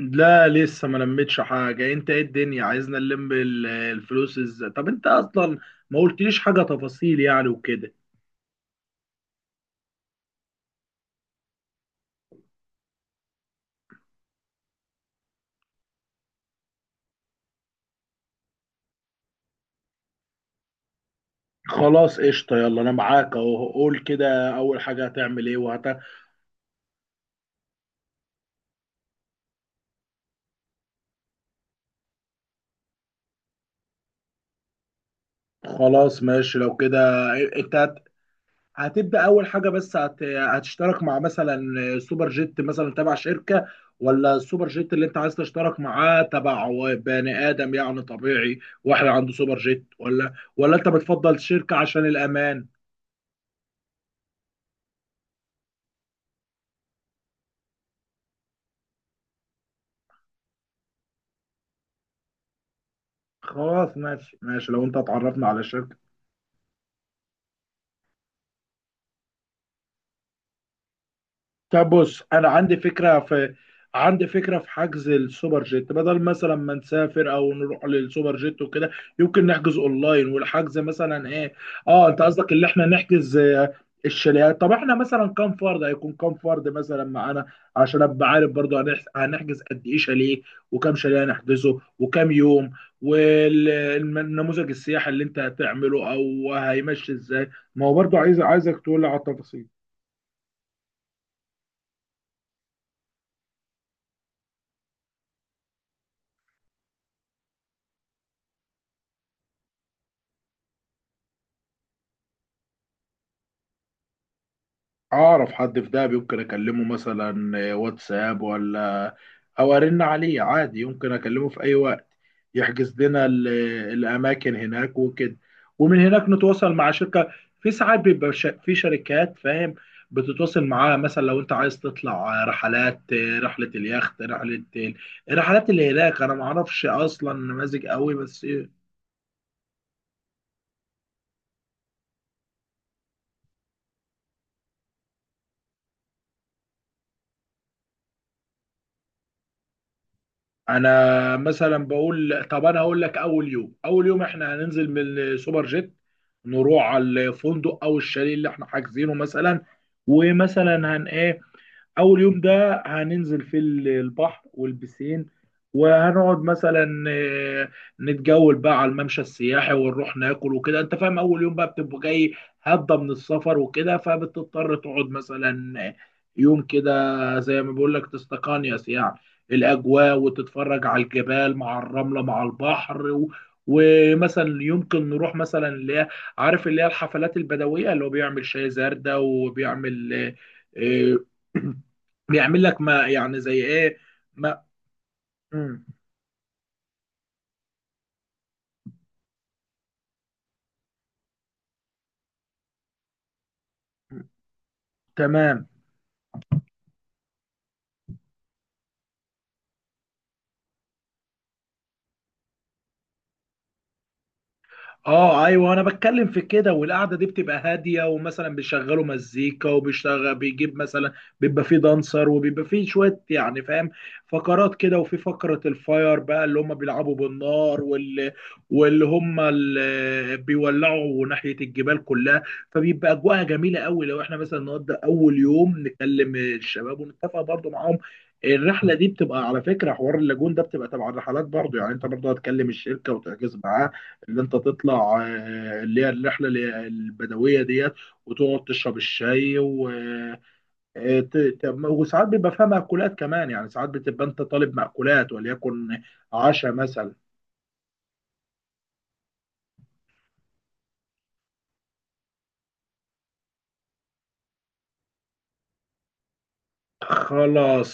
لا، لسه ما لميتش حاجة. انت ايه الدنيا عايزنا نلم الفلوس ازاي؟ طب انت اصلا ما قلتليش حاجة تفاصيل يعني وكده. خلاص قشطة، يلا انا معاك اهو. قول كده، اول حاجة هتعمل ايه وهت. خلاص ماشي لو كده. انت هتبدأ اول حاجة؟ بس هتشترك مع مثلا سوبر جيت مثلا تبع شركة، ولا السوبر جيت اللي انت عايز تشترك معاه تبع بني ادم يعني طبيعي، واحد عنده سوبر جيت؟ ولا انت بتفضل شركة عشان الامان؟ خلاص ماشي ماشي لو انت اتعرفنا على الشركة. طب بص، انا عندي فكره في، عندي فكره في حجز السوبر جيت، بدل مثلا ما نسافر او نروح للسوبر جيت وكده، يمكن نحجز اونلاين. والحجز مثلا ايه، اه انت قصدك اللي احنا نحجز، الشاليهات. طب احنا مثلا كام فرد، هيكون كام فرد مثلا معانا عشان ابقى عارف؟ برضو هنحجز قد ايه شاليه، وكام شاليه هنحجزه، وكام يوم؟ والنموذج السياحي اللي انت هتعمله او هيمشي ازاي؟ ما هو برضو عايزك تقول لي على التفاصيل. اعرف حد في دهب، يمكن اكلمه مثلا، واتساب ولا او ارن عليه عادي، يمكن اكلمه في اي وقت يحجز لنا الاماكن هناك وكده. ومن هناك نتواصل مع شركه. في ساعات بيبقى في شركات، فاهم؟ بتتواصل معاها مثلا لو انت عايز تطلع رحلات، رحله اليخت، رحله الرحلات اللي هناك. انا ما اعرفش اصلا نماذج قوي بس. انا مثلا بقول، طب انا هقول لك اول يوم، اول يوم احنا هننزل من السوبر جيت، نروح على الفندق او الشاليه اللي احنا حاجزينه مثلا، ومثلا هنقابل. اول يوم ده هننزل في البحر والبسين، وهنقعد مثلا، نتجول بقى على الممشى السياحي، ونروح ناكل وكده. انت فاهم، اول يوم بقى بتبقى جاي هضه من السفر وكده، فبتضطر تقعد مثلا يوم كده زي ما بقول لك، تستقانيس يعني الاجواء، وتتفرج على الجبال مع الرمله مع البحر ومثلا يمكن نروح مثلا اللي هي، عارف اللي هي الحفلات البدويه، اللي هو بيعمل شاي زردة وبيعمل، آه، آه، بيعمل لك ما يعني زي ايه. ما مم. تمام. اه ايوه انا بتكلم في كده. والقعده دي بتبقى هاديه، ومثلا بيشغلوا مزيكا، وبيشتغل بيجيب مثلا، بيبقى فيه دانسر، وبيبقى فيه شويه يعني، فاهم؟ فقرات كده، وفي فقره الفاير بقى اللي هم بيلعبوا بالنار، واللي هم اللي بيولعوا ناحيه الجبال كلها. فبيبقى اجواءها جميله قوي. لو احنا مثلا نقضي اول يوم، نكلم الشباب ونتفق برضو معاهم. الرحله دي بتبقى على فكره، حوار اللاجون ده بتبقى تبع الرحلات برضو يعني، انت برضو هتكلم الشركه وتحجز معاها اللي انت تطلع، اللي هي الرحله البدويه ديت، وتقعد تشرب الشاي و وساعات بيبقى فيها مأكولات كمان يعني، ساعات بتبقى انت طالب مأكولات وليكن عشاء مثلا. خلاص.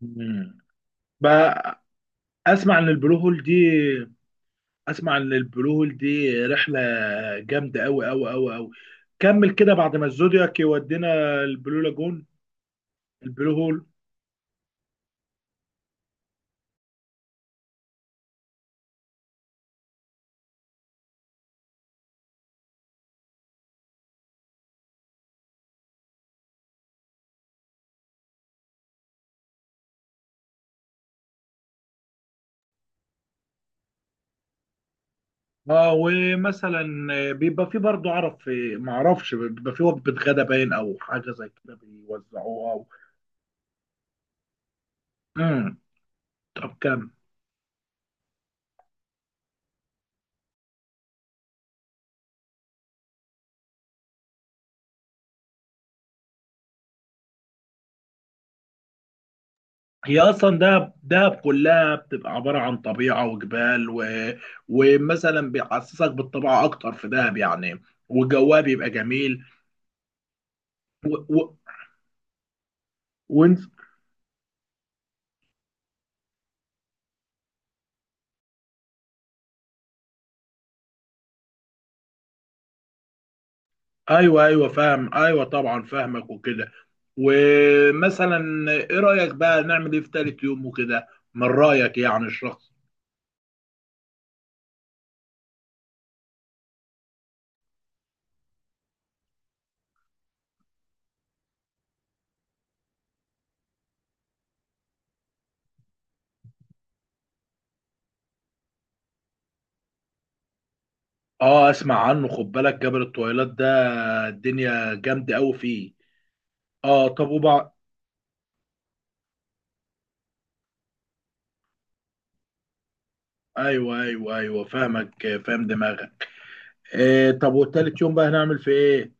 مم. بقى، اسمع ان البلو هول دي، اسمع ان البلو هول دي رحله جامده قوي قوي قوي قوي. كمل كده، بعد ما الزودياك يودينا البلو لاجون. البلو هول. اه ومثلا، بيبقى في برضه، عرف في ما اعرفش، بيبقى في وجبه غدا باين او حاجه زي كده بيوزعوها او، امم طب كم. هي اصلا دهب، دهب كلها بتبقى عباره عن طبيعه وجبال ومثلا بيحسسك بالطبيعه اكتر في دهب يعني، وجوها بيبقى جميل. و... و... وانت. ايوه ايوه فاهم، ايوه طبعا فاهمك وكده. ومثلا ايه رايك بقى نعمل ايه في تالت يوم وكده؟ من رايك يعني الشخص. اه اسمع عنه، خد بالك جبل الطويلات ده الدنيا جامده قوي فيه. اه طب وبعد. ايوه ايوه ايوه فاهمك، فاهم دماغك. إيه طب والتالت يوم بقى هنعمل في ايه؟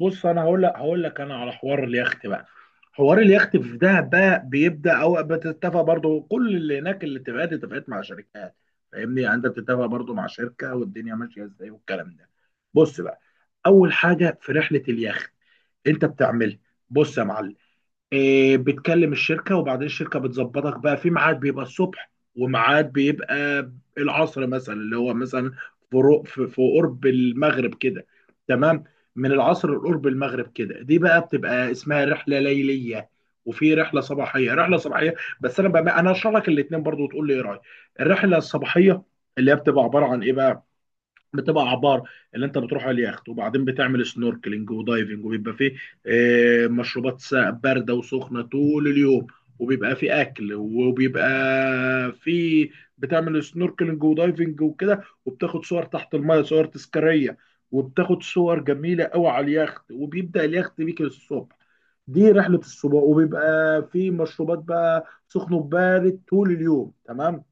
بص انا هقول لك، هقول لك انا على حوار اليخت بقى. حوار اليخت في دهب بقى بيبدا، او بتتفق برضو كل اللي هناك، اللي اتفقت مع شركات، فاهمني؟ يعني انت بتتفق برضو مع شركه، والدنيا ماشيه ازاي والكلام ده. بص بقى، اول حاجه في رحله اليخت انت بتعملها، بص يا معلم، بتكلم الشركة، وبعدين الشركة بتظبطك بقى في ميعاد بيبقى الصبح، وميعاد بيبقى العصر مثلا، اللي هو مثلا في في قرب المغرب كده، تمام؟ من العصر لقرب المغرب كده، دي بقى بتبقى اسمها رحلة ليلية. وفي رحلة صباحية، رحلة صباحية. بس انا بقى انا هشرح لك الاتنين برضو، وتقول لي ايه رأيك. الرحلة الصباحية اللي هي بتبقى عبارة عن ايه بقى؟ بتبقى اعبار اللي انت بتروح على اليخت، وبعدين بتعمل سنوركلينج ودايفنج. وبيبقى فيه، مشروبات بارده وسخنه طول اليوم، وبيبقى فيه اكل، وبيبقى فيه، بتعمل سنوركلينج ودايفنج وكده، وبتاخد صور تحت الميه، صور تذكاريه، وبتاخد صور جميله قوي على اليخت، وبيبدا اليخت بيك الصبح. دي رحله الصبح، وبيبقى فيه مشروبات بقى سخن وبارد طول اليوم، تمام؟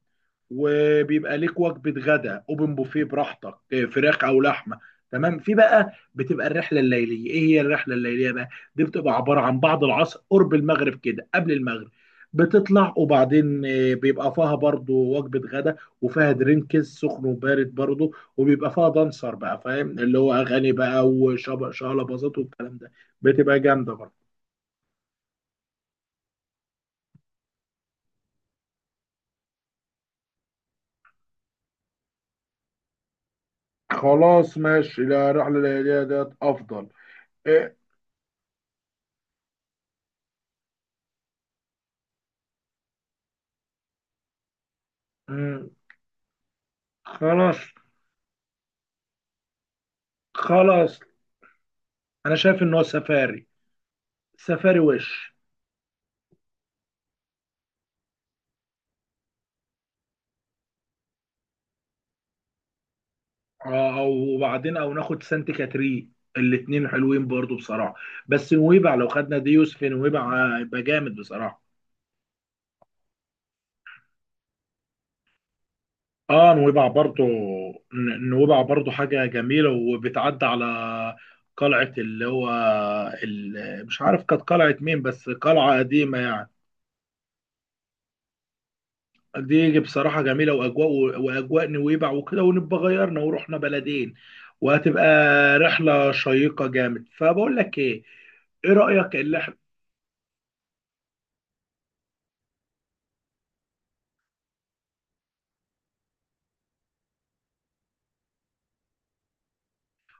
وبيبقى ليك وجبه غدا اوبن بوفيه براحتك، فراخ او لحمه، تمام؟ في بقى بتبقى الرحله الليليه. ايه هي الرحله الليليه بقى؟ دي بتبقى عباره عن بعد العصر قرب المغرب كده، قبل المغرب بتطلع، وبعدين بيبقى فيها برضو وجبه غدا، وفيها درينكس سخن وبارد برضو، وبيبقى فيها دانسر بقى، فاهم؟ اللي هو اغاني بقى وشغله باظت والكلام ده، بتبقى جامده برضو. خلاص ماشي، لا الرحله الليليه ديت افضل. إيه، مم، خلاص. خلاص، انا شايف ان هو سفاري، سفاري وش. اه، او وبعدين او ناخد سانت كاترين، الاتنين حلوين برضو بصراحه، بس نويبع لو خدنا ديوس في نويبع هيبقى جامد بصراحه. اه نويبع برضو. نويبع برضو حاجه جميله، وبتعدي على قلعه اللي هو، مش عارف كانت قلعه مين، بس قلعه قديمه يعني. دي بصراحة جميلة، وأجواء، وأجواء نويبع وكده، ونبقى غيرنا ورحنا بلدين، وهتبقى رحلة شيقة جامد. فبقول لك إيه، إيه رأيك اللي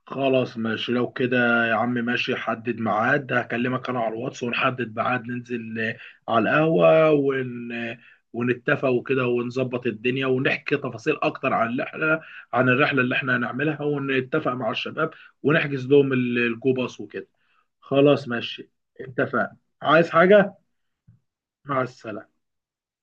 خلاص ماشي لو كده يا عم. ماشي، حدد ميعاد، هكلمك انا على الواتس ونحدد ميعاد ننزل، على القهوة، ونتفق وكده، ونظبط الدنيا، ونحكي تفاصيل اكتر عن الرحلة، عن الرحلة اللي احنا هنعملها، ونتفق مع الشباب، ونحجز لهم الجو باص وكده. خلاص ماشي، اتفقنا. عايز حاجة؟ مع السلامة.